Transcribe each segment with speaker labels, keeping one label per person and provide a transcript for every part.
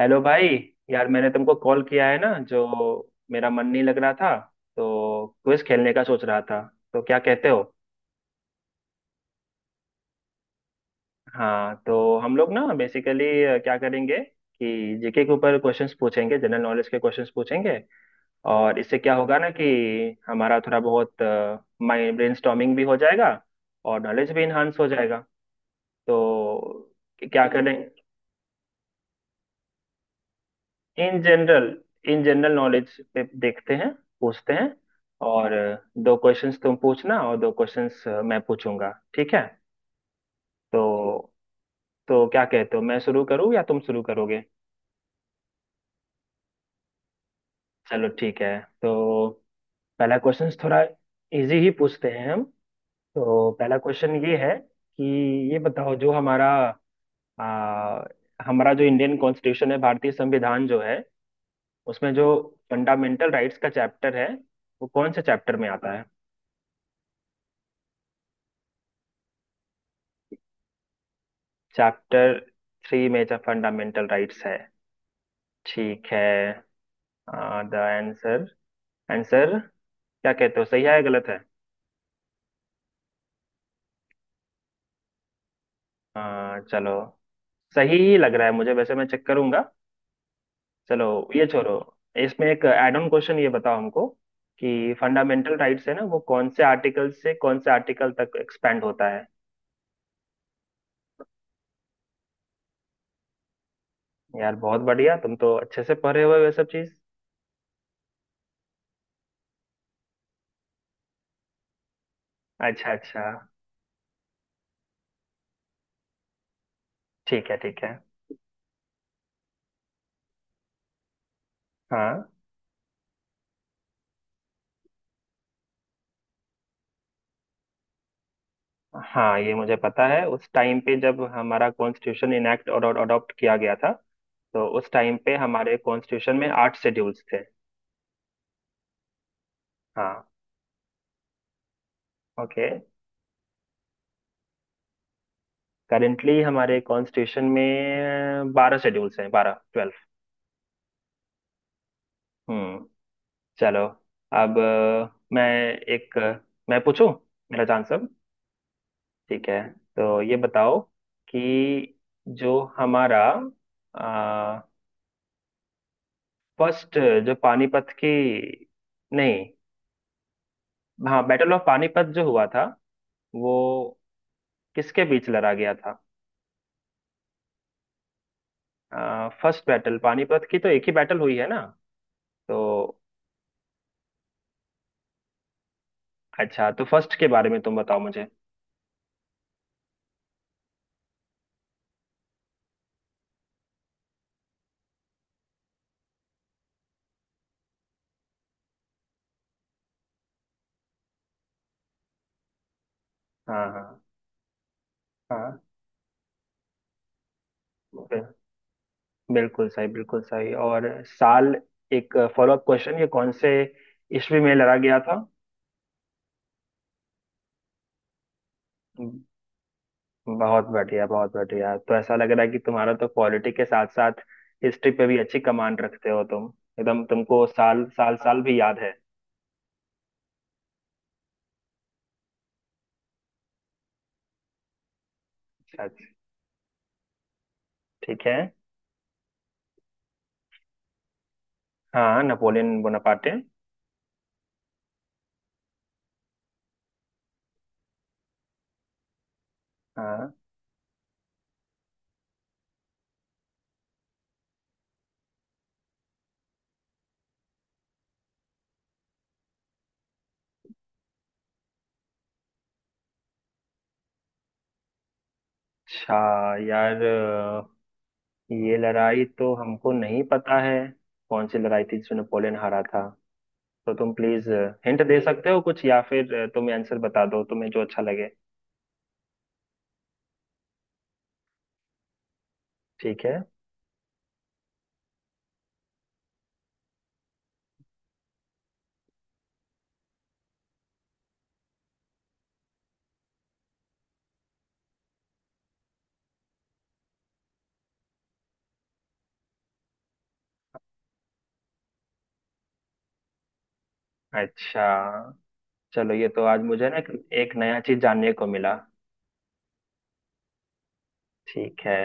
Speaker 1: Hello भाई। यार मैंने तुमको कॉल किया है ना जो मेरा मन नहीं लग रहा था, तो क्विज खेलने का सोच रहा था। तो क्या कहते हो? हाँ तो हम लोग ना बेसिकली क्या करेंगे कि जीके के ऊपर क्वेश्चंस पूछेंगे, जनरल नॉलेज के क्वेश्चंस पूछेंगे। और इससे क्या होगा ना कि हमारा थोड़ा बहुत माइंड ब्रेनस्टॉर्मिंग भी हो जाएगा और नॉलेज भी इन्हांस हो जाएगा। तो क्या करें? इन जनरल, इन जनरल नॉलेज पे देखते हैं, पूछते हैं। और दो क्वेश्चंस तुम पूछना और दो क्वेश्चंस मैं पूछूंगा, ठीक है। तो तो क्या कहते हो, मैं शुरू करूँ या तुम शुरू करोगे? चलो ठीक है। तो पहला क्वेश्चन थोड़ा इजी ही पूछते हैं हम। तो पहला क्वेश्चन ये है कि ये बताओ जो हमारा आ, हमारा जो इंडियन कॉन्स्टिट्यूशन है, भारतीय संविधान जो है, उसमें जो फंडामेंटल राइट्स का चैप्टर है वो कौन से चैप्टर में आता है? चैप्टर थ्री में जो फंडामेंटल राइट्स है, ठीक है। द आंसर, आंसर क्या कहते हो, सही है या गलत है? चलो, सही ही लग रहा है मुझे, वैसे मैं चेक करूंगा। चलो ये छोड़ो। इसमें एक एड ऑन क्वेश्चन, ये बताओ हमको कि फंडामेंटल राइट्स है ना, वो कौन से आर्टिकल से कौन से आर्टिकल तक एक्सपेंड होता है? यार बहुत बढ़िया, तुम तो अच्छे से पढ़े हुए हो ये सब चीज। अच्छा अच्छा। ठीक है ठीक है। हाँ हाँ ये मुझे पता है, उस टाइम पे जब हमारा कॉन्स्टिट्यूशन इनएक्ट और अडॉप्ट किया गया था, तो उस टाइम पे हमारे कॉन्स्टिट्यूशन में आठ शेड्यूल्स थे। हाँ। ओके, करेंटली हमारे कॉन्स्टिट्यूशन में बारह शेड्यूल्स हैं, बारह, ट्वेल्व। हम्म। चलो अब मैं एक मैं पूछूं, मेरा चांस अब। ठीक है। तो ये बताओ कि जो हमारा फर्स्ट जो पानीपत की, नहीं, हाँ, बैटल ऑफ पानीपत जो हुआ था वो किसके बीच लड़ा गया था? फर्स्ट बैटल पानीपत की तो एक ही बैटल हुई है ना? तो अच्छा, तो फर्स्ट के बारे में तुम बताओ मुझे। हाँ हाँ हाँ। बि- बिल्कुल सही, बिल्कुल सही। और साल, एक फॉलो अप क्वेश्चन, ये कौन से ईस्वी में लड़ा गया था? बहुत बढ़िया, बहुत बढ़िया। तो ऐसा लग रहा है कि तुम्हारा तो पॉलिटी के साथ साथ हिस्ट्री पे भी अच्छी कमांड रखते हो तुम। एकदम, तुमको साल साल साल भी याद है। अच्छा, ठीक है। हाँ, नेपोलियन बोनापार्टे। हाँ, अच्छा, यार ये लड़ाई तो हमको नहीं पता है। कौन सी लड़ाई थी जिसमें नेपोलियन हारा था? तो तुम प्लीज हिंट दे सकते हो कुछ, या फिर तुम आंसर बता दो, तुम्हें जो अच्छा लगे। ठीक है। अच्छा चलो, ये तो आज मुझे ना एक एक नया चीज जानने को मिला। ठीक है।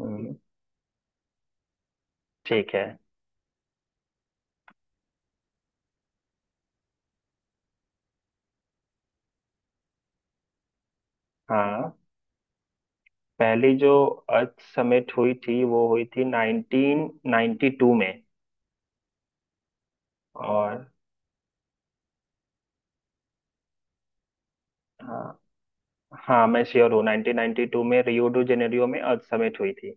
Speaker 1: हम्म, ठीक है। हाँ, पहली जो अर्थ समिट हुई थी वो हुई थी 1992 में। और हाँ, हाँ मैं श्योर हूँ, 1992 में रियो डू जेनेरियो में अर्थ समिट हुई थी।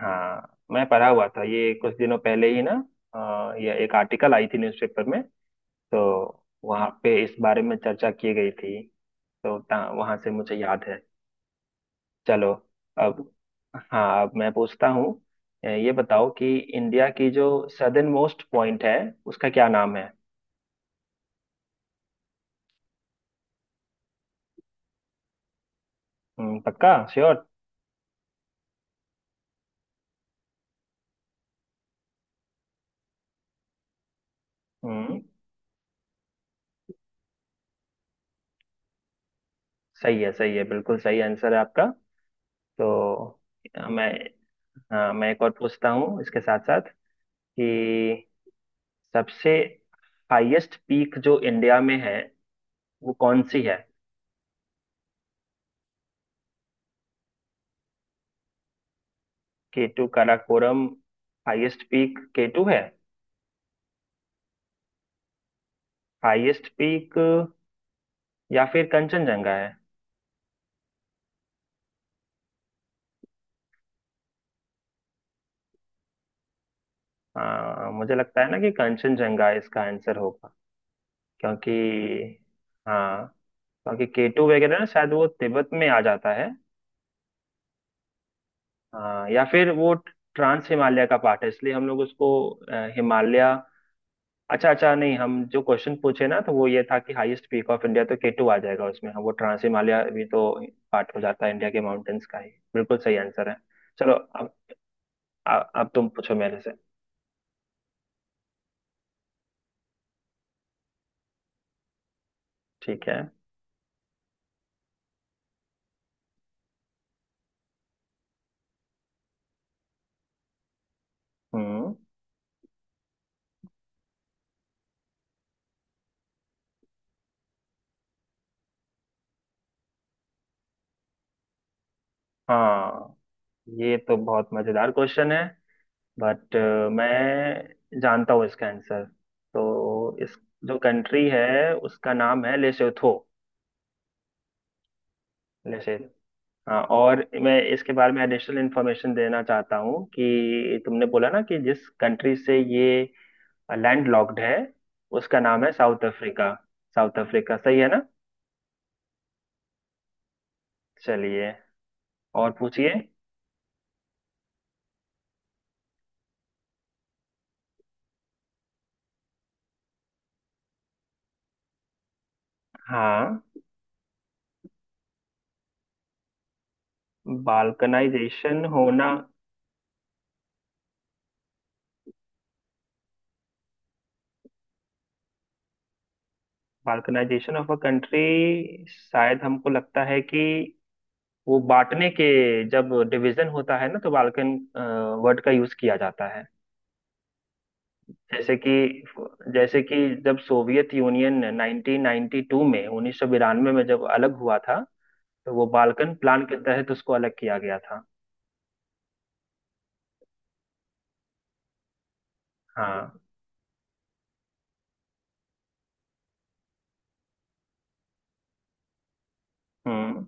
Speaker 1: हाँ, मैं पढ़ा हुआ था ये कुछ दिनों पहले ही ना। ये एक आर्टिकल आई थी न्यूज़पेपर में, तो वहाँ पे इस बारे में चर्चा की गई थी। वहाँ से मुझे याद है। चलो। अब, हाँ अब मैं पूछता हूँ। ये बताओ कि इंडिया की जो सदर्न मोस्ट पॉइंट है उसका क्या नाम है? पक्का श्योर? हम्म। सही है, सही है, बिल्कुल सही आंसर है आपका। तो मैं, हाँ मैं एक और पूछता हूँ इसके साथ साथ कि सबसे हाईएस्ट पीक जो इंडिया में है वो कौन सी है? K two, Karakoram? Highest peak K two है? हाईएस्ट पीक, या फिर कंचनजंगा है? हाँ मुझे लगता है ना कि कंचनजंगा इसका आंसर होगा, क्योंकि हाँ, क्योंकि केटू वगैरह ना शायद वो तिब्बत में आ जाता है। हाँ, या फिर वो ट्रांस हिमालय का पार्ट है, इसलिए हम लोग उसको हिमालय, अच्छा अच्छा, नहीं हम जो क्वेश्चन पूछे ना तो वो ये था कि हाईएस्ट पीक ऑफ इंडिया, तो केटू आ जाएगा उसमें। हाँ, वो ट्रांस हिमालय भी तो पार्ट हो जाता है इंडिया के माउंटेन्स का ही। बिल्कुल सही आंसर है। चलो अब अब तुम पूछो मेरे से। ठीक है। हम्म। हाँ ये तो बहुत मजेदार क्वेश्चन है, बट मैं जानता हूँ इसका आंसर। तो इस जो कंट्री है उसका नाम है लेसोथो। हाँ, और मैं इसके बारे में एडिशनल इन्फॉर्मेशन देना चाहता हूँ कि तुमने बोला ना कि जिस कंट्री से ये लैंड लॉक्ड है उसका नाम है साउथ अफ्रीका। साउथ अफ्रीका सही है ना? चलिए, और पूछिए। हाँ, बाल्कनाइजेशन होना, बाल्कनाइजेशन ऑफ अ कंट्री, शायद हमको लगता है कि वो बांटने के, जब डिवीजन होता है ना, तो बाल्कन वर्ड का यूज किया जाता है। जैसे कि जैसे कि जब सोवियत यूनियन 1992 में जब अलग हुआ था, तो वो बाल्कन प्लान के तहत उसको अलग किया गया था। हाँ, हम्म,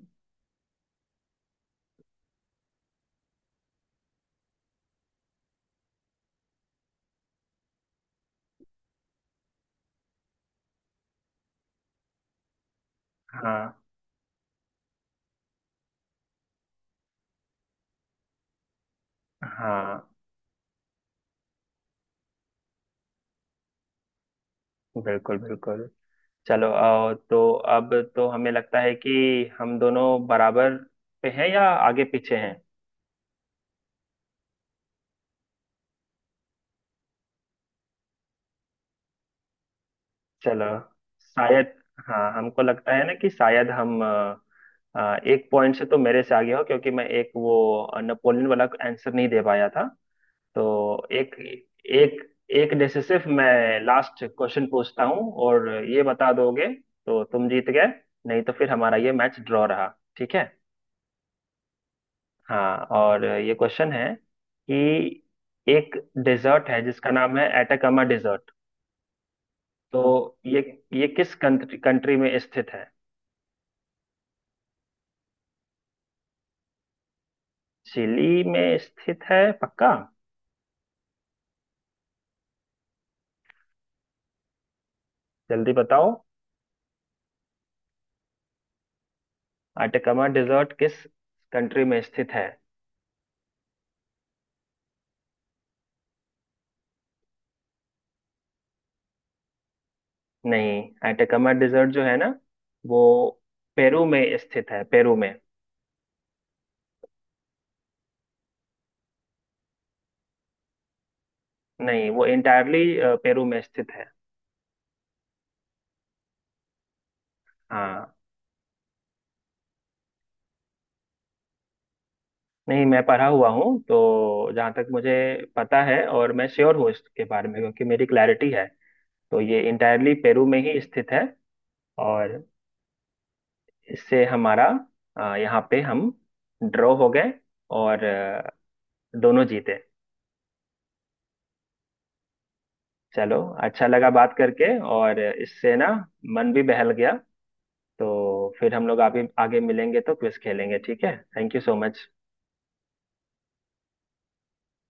Speaker 1: हाँ हाँ। बिल्कुल बिल्कुल। चलो आओ तो, अब तो हमें लगता है कि हम दोनों बराबर पे हैं या आगे पीछे हैं? चलो शायद, हाँ हमको लगता है ना कि शायद हम एक पॉइंट से तो मेरे से आगे हो क्योंकि मैं एक वो नेपोलियन वाला आंसर नहीं दे पाया था। तो एक एक, एक जैसे, सिर्फ मैं लास्ट क्वेश्चन पूछता हूँ और ये बता दोगे तो तुम जीत गए, नहीं तो फिर हमारा ये मैच ड्रॉ रहा, ठीक है। हाँ, और ये क्वेश्चन है कि एक डेजर्ट है जिसका नाम है एटाकामा डेजर्ट, तो ये ये किस कंट्री कंट्री में स्थित है? चिली में स्थित है, पक्का? जल्दी बताओ, एटाकामा डेजर्ट किस कंट्री में स्थित है? नहीं, आइटकमा डिजर्ट जो है ना, वो पेरू में स्थित है, पेरू में। नहीं वो इंटायरली पेरू में स्थित है। हाँ नहीं, मैं पढ़ा हुआ हूँ, तो जहाँ तक मुझे पता है, और मैं श्योर हूँ इसके बारे में क्योंकि मेरी क्लैरिटी है, तो ये इंटायरली पेरू में ही स्थित है। और इससे हमारा, यहाँ पे हम ड्रॉ हो गए और दोनों जीते। चलो, अच्छा लगा बात करके, और इससे ना मन भी बहल गया। तो फिर हम लोग आगे आगे मिलेंगे तो क्विज खेलेंगे, ठीक है। Thank you so much.